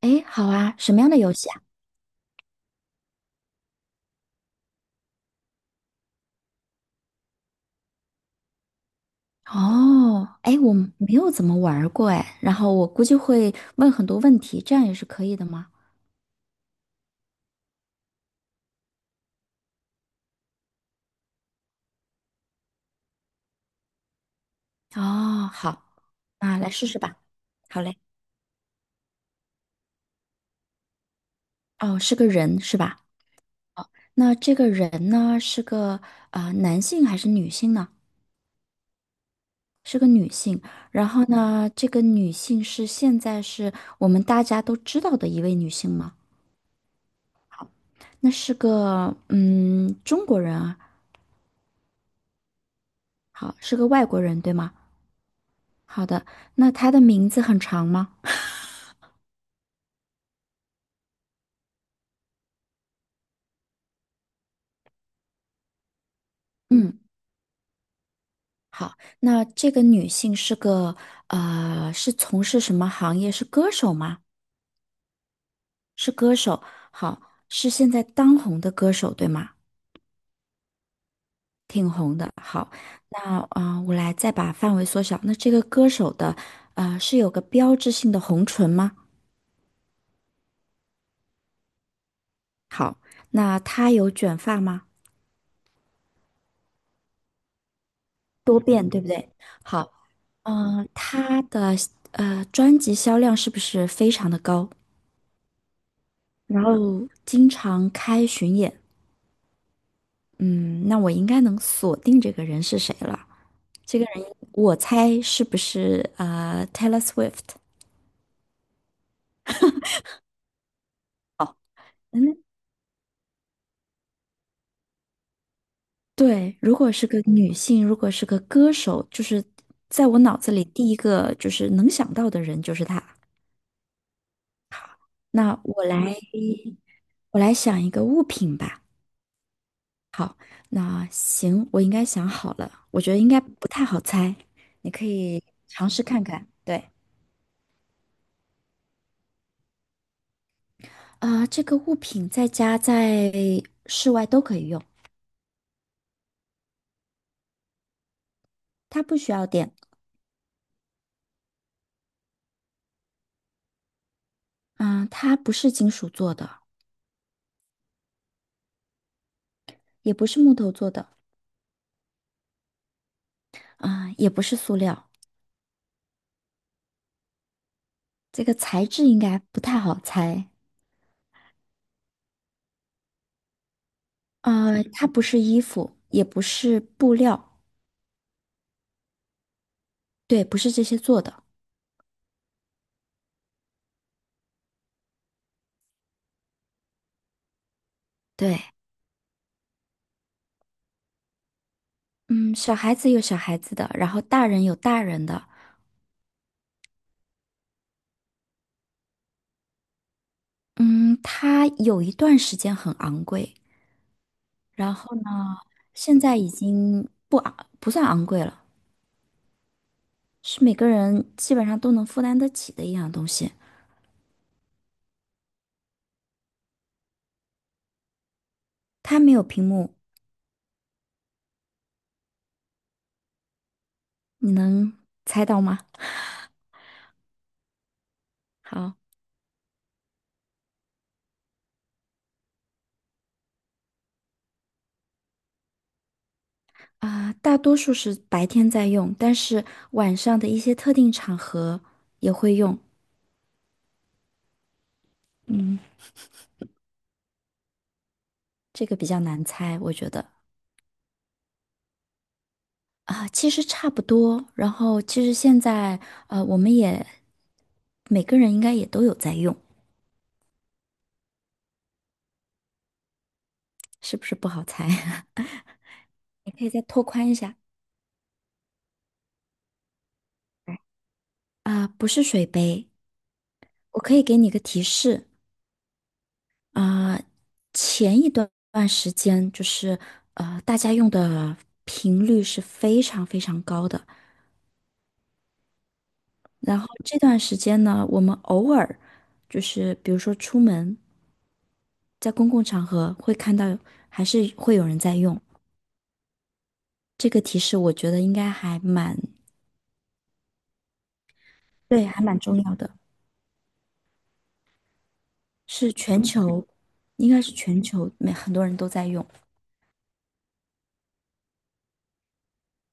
哎，好啊，什么样的游戏啊？哦，哎，我没有怎么玩儿过哎，然后我估计会问很多问题，这样也是可以的吗？哦，好，那来试试吧。好嘞。哦，是个人是吧？那这个人呢，是个男性还是女性呢？是个女性。然后呢，这个女性是现在是我们大家都知道的一位女性吗？那是个中国人啊，好，是个外国人对吗？好的，那她的名字很长吗？嗯，好，那这个女性是个是从事什么行业？是歌手吗？是歌手。好，是现在当红的歌手，对吗？挺红的。好，那我来再把范围缩小。那这个歌手的是有个标志性的红唇吗？那她有卷发吗？多变，对不对？好，她的专辑销量是不是非常的高？然后经常开巡演，嗯，那我应该能锁定这个人是谁了。这个人，我猜是不是Taylor Swift？嗯，对，如果是个女性，如果是个歌手，就是在我脑子里第一个就是能想到的人就是她。那我来，我来想一个物品吧。那行，我应该想好了，我觉得应该不太好猜，你可以尝试看看。对。啊，这个物品在家在室外都可以用，它不需要电。啊，它不是金属做的，也不是木头做的，啊，也不是塑料。这个材质应该不太好猜。啊，它不是衣服，也不是布料，对，不是这些做的。对，嗯，小孩子有小孩子的，然后大人有大人的。嗯，它有一段时间很昂贵，然后呢，现在已经不昂，不算昂贵了。是每个人基本上都能负担得起的一样东西。它没有屏幕，你能猜到吗？好啊，大多数是白天在用，但是晚上的一些特定场合也会用。这个比较难猜，我觉得啊，其实差不多。然后其实现在我们也每个人应该也都有在用，是不是不好猜？你可以再拓宽一下啊，不是水杯，我可以给你个提示。啊、前一段时间就是大家用的频率是非常非常高的。然后这段时间呢，我们偶尔就是比如说出门，在公共场合会看到，还是会有人在用。这个提示我觉得应该还蛮，对，还蛮重要的，是全球，应该是全球每很多人都在用。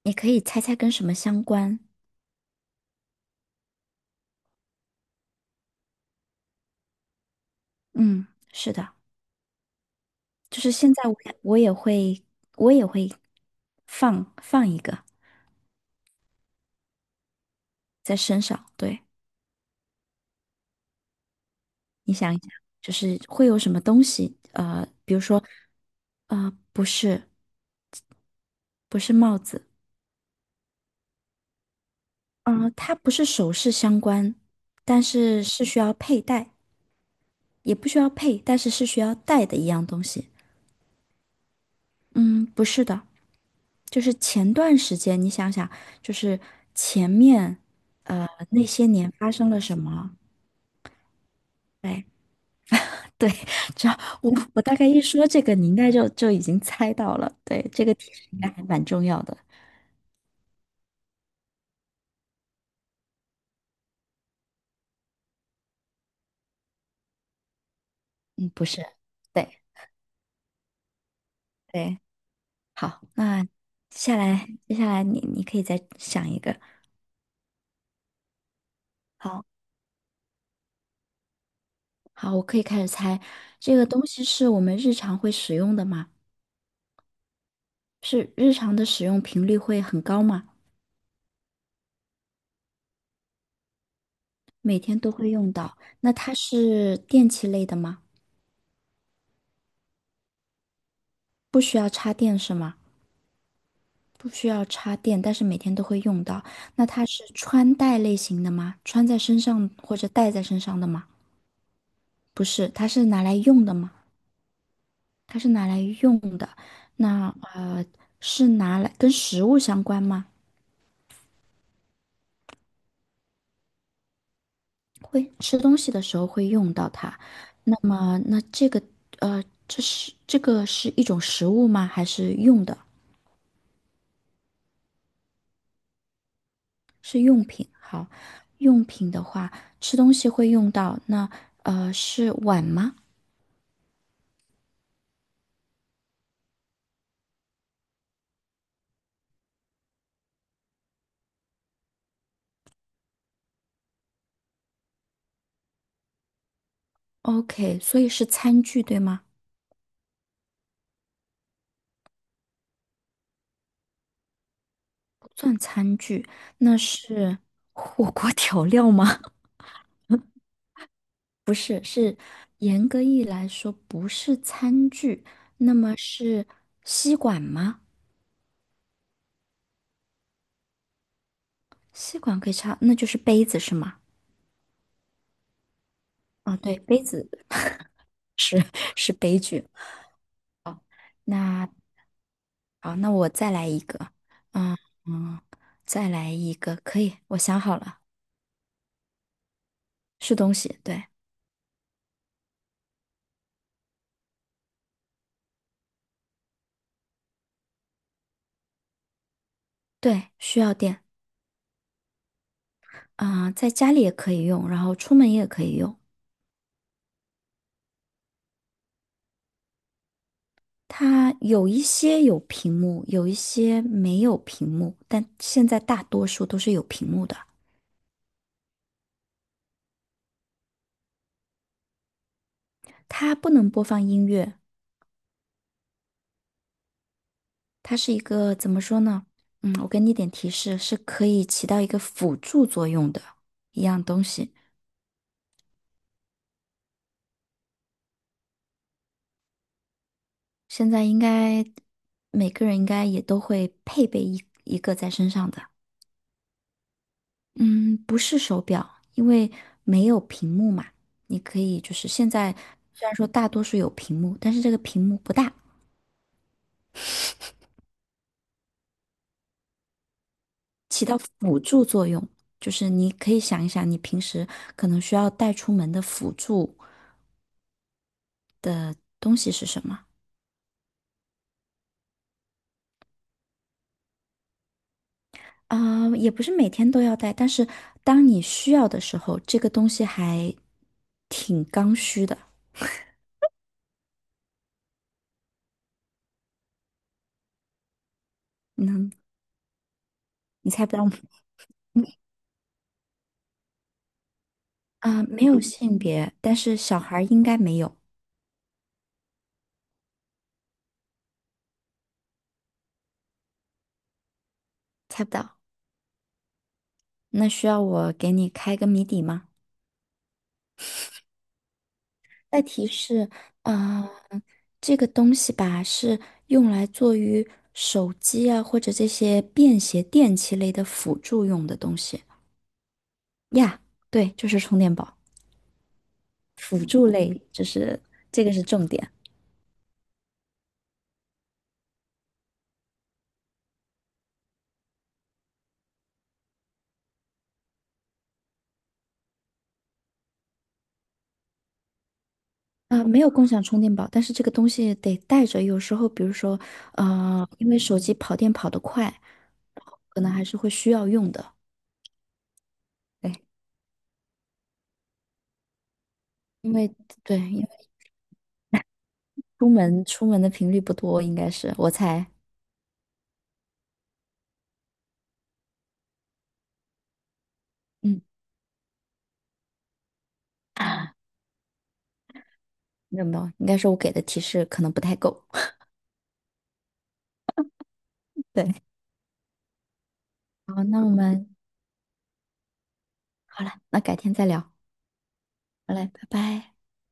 你可以猜猜跟什么相关？嗯，是的。就是现在我也会我也会放一个在身上。对，你想一想，就是会有什么东西？呃，比如说，呃，不是帽子，它不是首饰相关，但是是需要佩戴，也不需要配，但是是需要戴的一样东西。嗯，不是的，就是前段时间你想想，就是前面那些年发生了什么？对。对，只要我大概一说这个，你应该就已经猜到了。对，这个提示应该还蛮重要的。嗯，不是，对对，好，那接下来你可以再想一个。好，好，我可以开始猜。这个东西是我们日常会使用的吗？是日常的使用频率会很高吗？每天都会用到。那它是电器类的吗？不需要插电是吗？不需要插电，但是每天都会用到。那它是穿戴类型的吗？穿在身上或者戴在身上的吗？不是，它是拿来用的吗？它是拿来用的。那呃，是拿来跟食物相关吗？会吃东西的时候会用到它。那么，那这个呃，这个是一种食物吗？还是用的？是用品。好，用品的话，吃东西会用到。那呃，是碗吗？OK，所以是餐具对吗？那是火锅 调料吗？严格意义来说，不是餐具，那么是吸管吗？吸管可以插，那就是杯子是吗？啊，对，杯子是 是杯具。那好，那我再来一个，嗯嗯，再来一个，可以，我想好了，是东西，对对，需要电，在家里也可以用，然后出门也可以用。它有一些有屏幕，有一些没有屏幕，但现在大多数都是有屏幕的。它不能播放音乐，它是一个怎么说呢？嗯，我给你点提示，是可以起到一个辅助作用的一样东西。现在应该每个人应该也都会配备一个在身上的。嗯，不是手表，因为没有屏幕嘛。你可以就是现在虽然说大多数有屏幕，但是这个屏幕不大。起到辅助作用，就是你可以想一想，你平时可能需要带出门的辅助东西是什么啊，也不是每天都要带，但是当你需要的时候，这个东西还挺刚需的。嗯，你猜不到吗？啊，没有性别，但是小孩儿应该没有，猜不到。那需要我给你开个谜底吗？再提示，啊、这个东西吧是用来做于手机啊或者这些便携电器类的辅助用的东西呀。对，就是充电宝，辅助类，就是这个是重点没有共享充电宝，但是这个东西得带着，有时候比如说，呃，因为手机跑电跑得快，可能还是会需要用的。对，因为对，因为出门的频率不多，应该是我猜。嗯。没有没有，应该是我给的提示可能不太够。对，好，那我们好了，那改天再聊。好嘞，拜拜。